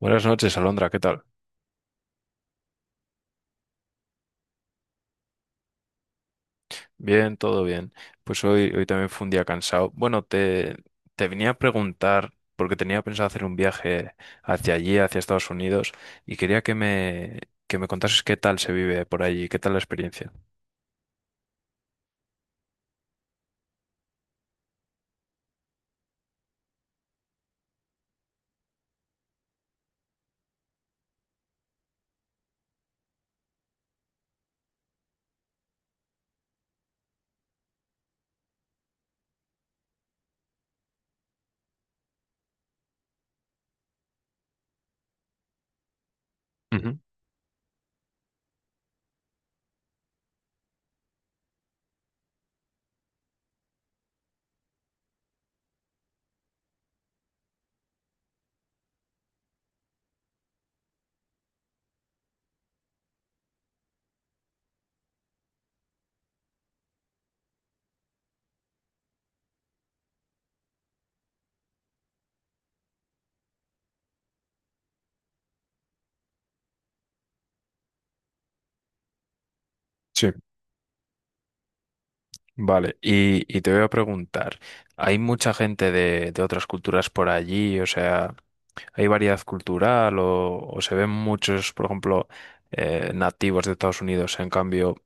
Buenas noches, Alondra, ¿qué tal? Bien, todo bien. Pues hoy también fue un día cansado. Bueno, te venía a preguntar, porque tenía pensado hacer un viaje hacia allí, hacia Estados Unidos, y quería que me contases qué tal se vive por allí, qué tal la experiencia. Ujú. Sí. Vale, y te voy a preguntar, ¿hay mucha gente de otras culturas por allí? O sea, ¿hay variedad cultural o se ven muchos, por ejemplo, nativos de Estados Unidos, en cambio...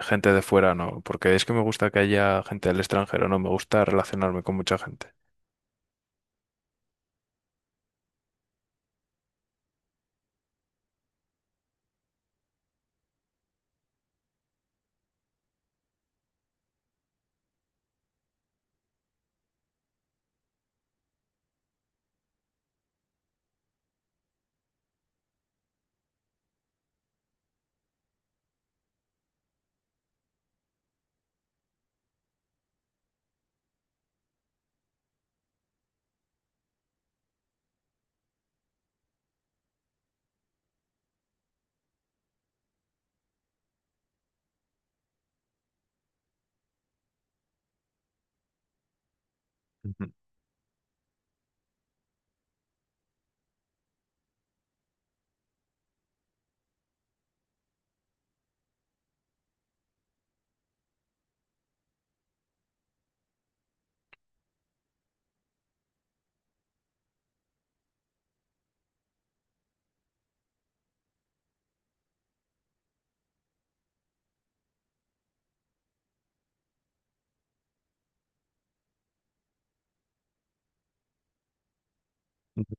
Gente de fuera no, porque es que me gusta que haya gente del extranjero, no, me gusta relacionarme con mucha gente. Ujú, ujú.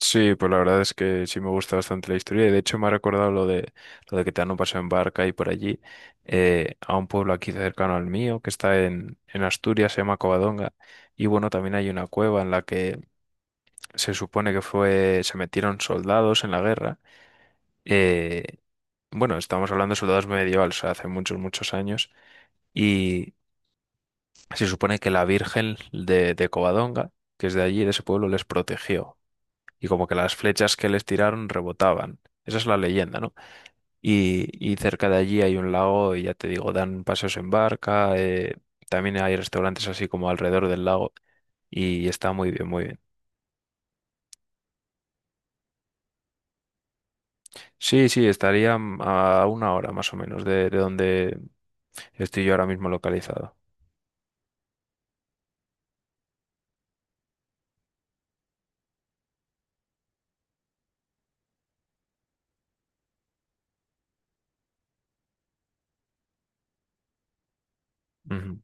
Sí, pues la verdad es que sí me gusta bastante la historia y de hecho me ha recordado lo de que te dan un paseo en barca y por allí a un pueblo aquí cercano al mío que está en Asturias, se llama Covadonga y bueno, también hay una cueva en la que se supone que se metieron soldados en la guerra. eh, bueno, estamos hablando de soldados medievales, o sea, hace muchos, muchos años. Se supone que la Virgen de Covadonga, que es de allí, de ese pueblo, les protegió. Y como que las flechas que les tiraron rebotaban. Esa es la leyenda, ¿no? Y cerca de allí hay un lago y ya te digo, dan paseos en barca. También hay restaurantes así como alrededor del lago. Y está muy bien, muy bien. Sí, sí, estaría a una hora más o menos de donde estoy yo ahora mismo localizado. Ujú.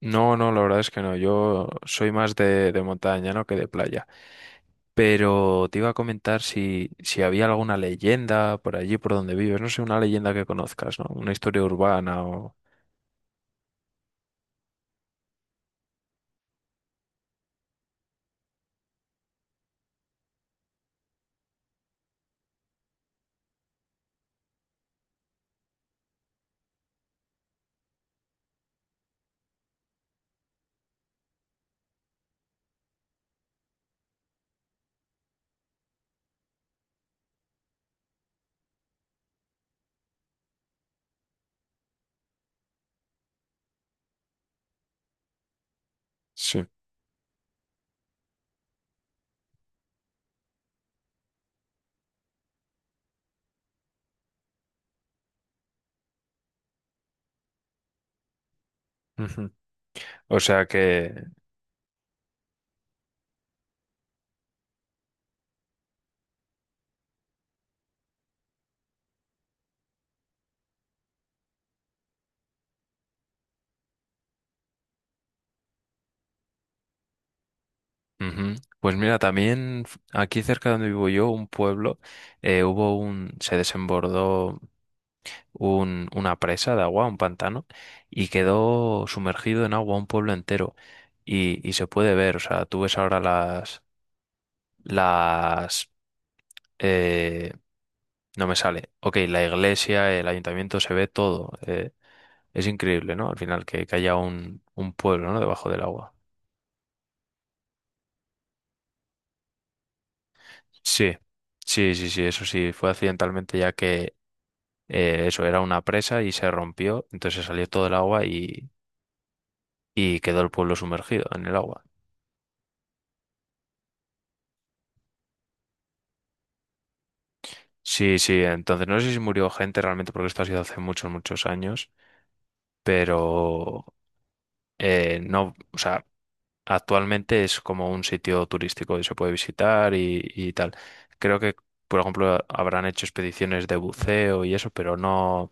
No, no, la verdad es que no. Yo soy más de montaña, ¿no? que de playa. Pero te iba a comentar si había alguna leyenda por allí, por donde vives. No sé, una leyenda que conozcas, ¿no? Una historia urbana o... Sí. Ujú. O sea que... Ujú. Pues mira, también aquí cerca de donde vivo yo, un pueblo, hubo un... se desbordó una presa de agua, un pantano, y quedó sumergido en agua un pueblo entero. Y se puede ver, o sea, tú ves ahora las, eh, no me sale. Ok, la iglesia, el ayuntamiento, se ve todo. Es increíble, ¿no? Al final, que haya un pueblo, ¿no? Debajo del agua. Sí, sí, sí, sí, eso sí, fue accidentalmente ya que eso era una presa y se rompió, entonces salió todo el agua y quedó el pueblo sumergido en el agua. Sí, sí, entonces no sé si murió gente realmente porque esto ha sido hace muchos, muchos años, pero no, o sea, actualmente es como un sitio turístico y se puede visitar y tal. Creo que, por ejemplo, habrán hecho expediciones de buceo y eso, pero no,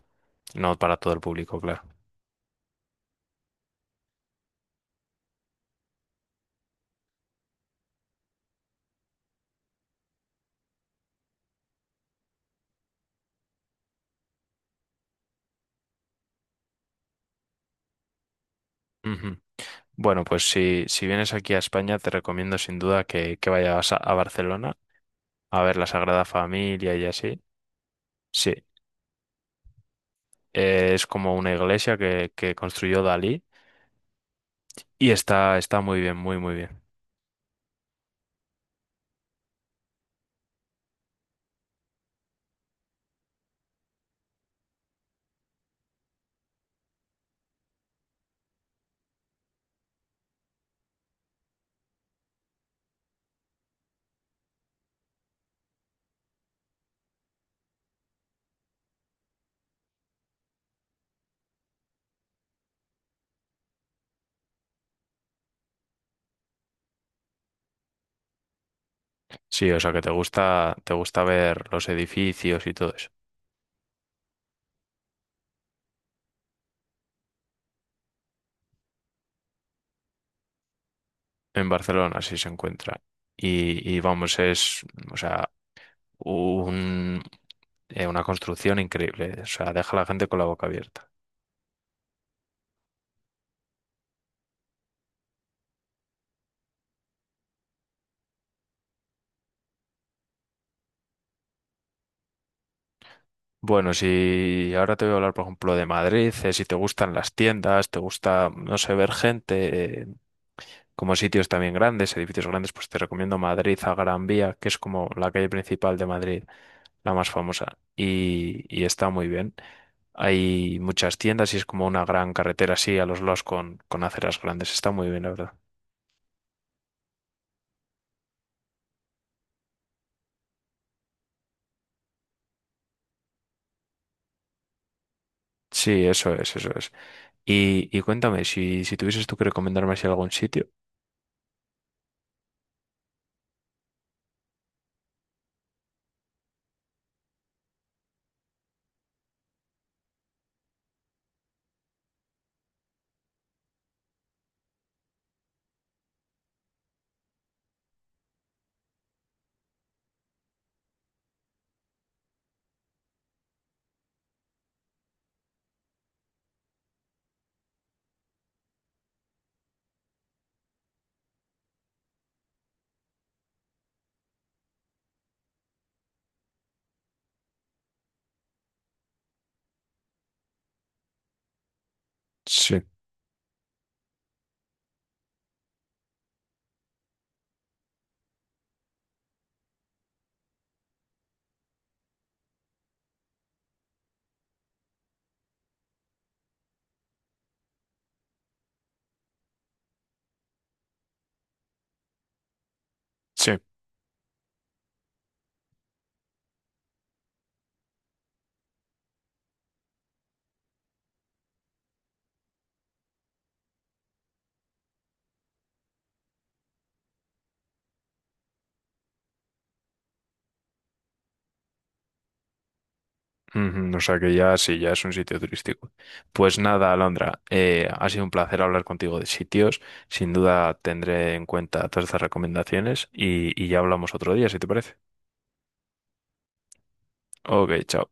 no para todo el público, claro. Ujú. Bueno, pues si vienes aquí a España, te recomiendo sin duda que vayas a Barcelona a ver la Sagrada Familia y así. Sí, es como una iglesia que construyó Dalí. Y está, está muy bien, muy, muy bien. Sí, o sea que te gusta ver los edificios y todo eso. En Barcelona sí se encuentra. Y vamos, es, o sea, un, Una construcción increíble. O sea, deja a la gente con la boca abierta. Bueno, si ahora te voy a hablar, por ejemplo, de Madrid, si te gustan las tiendas, te gusta, no sé, ver gente, como sitios también grandes, edificios grandes, pues te recomiendo Madrid a Gran Vía, que es como la calle principal de Madrid la más famosa, y está muy bien. Hay muchas tiendas y es como una gran carretera así a los lados con aceras grandes. Está muy bien, la verdad. Sí, eso es, eso es. Y cuéntame, si tuvieses tú que recomendarme así algún sitio. Sí, sí. Ujú. O sea que ya sí, ya es un sitio turístico. Pues nada, Alondra, ha sido un placer hablar contigo de sitios. Sin duda tendré en cuenta todas estas recomendaciones y ya hablamos otro día, si te parece. Ok, chao.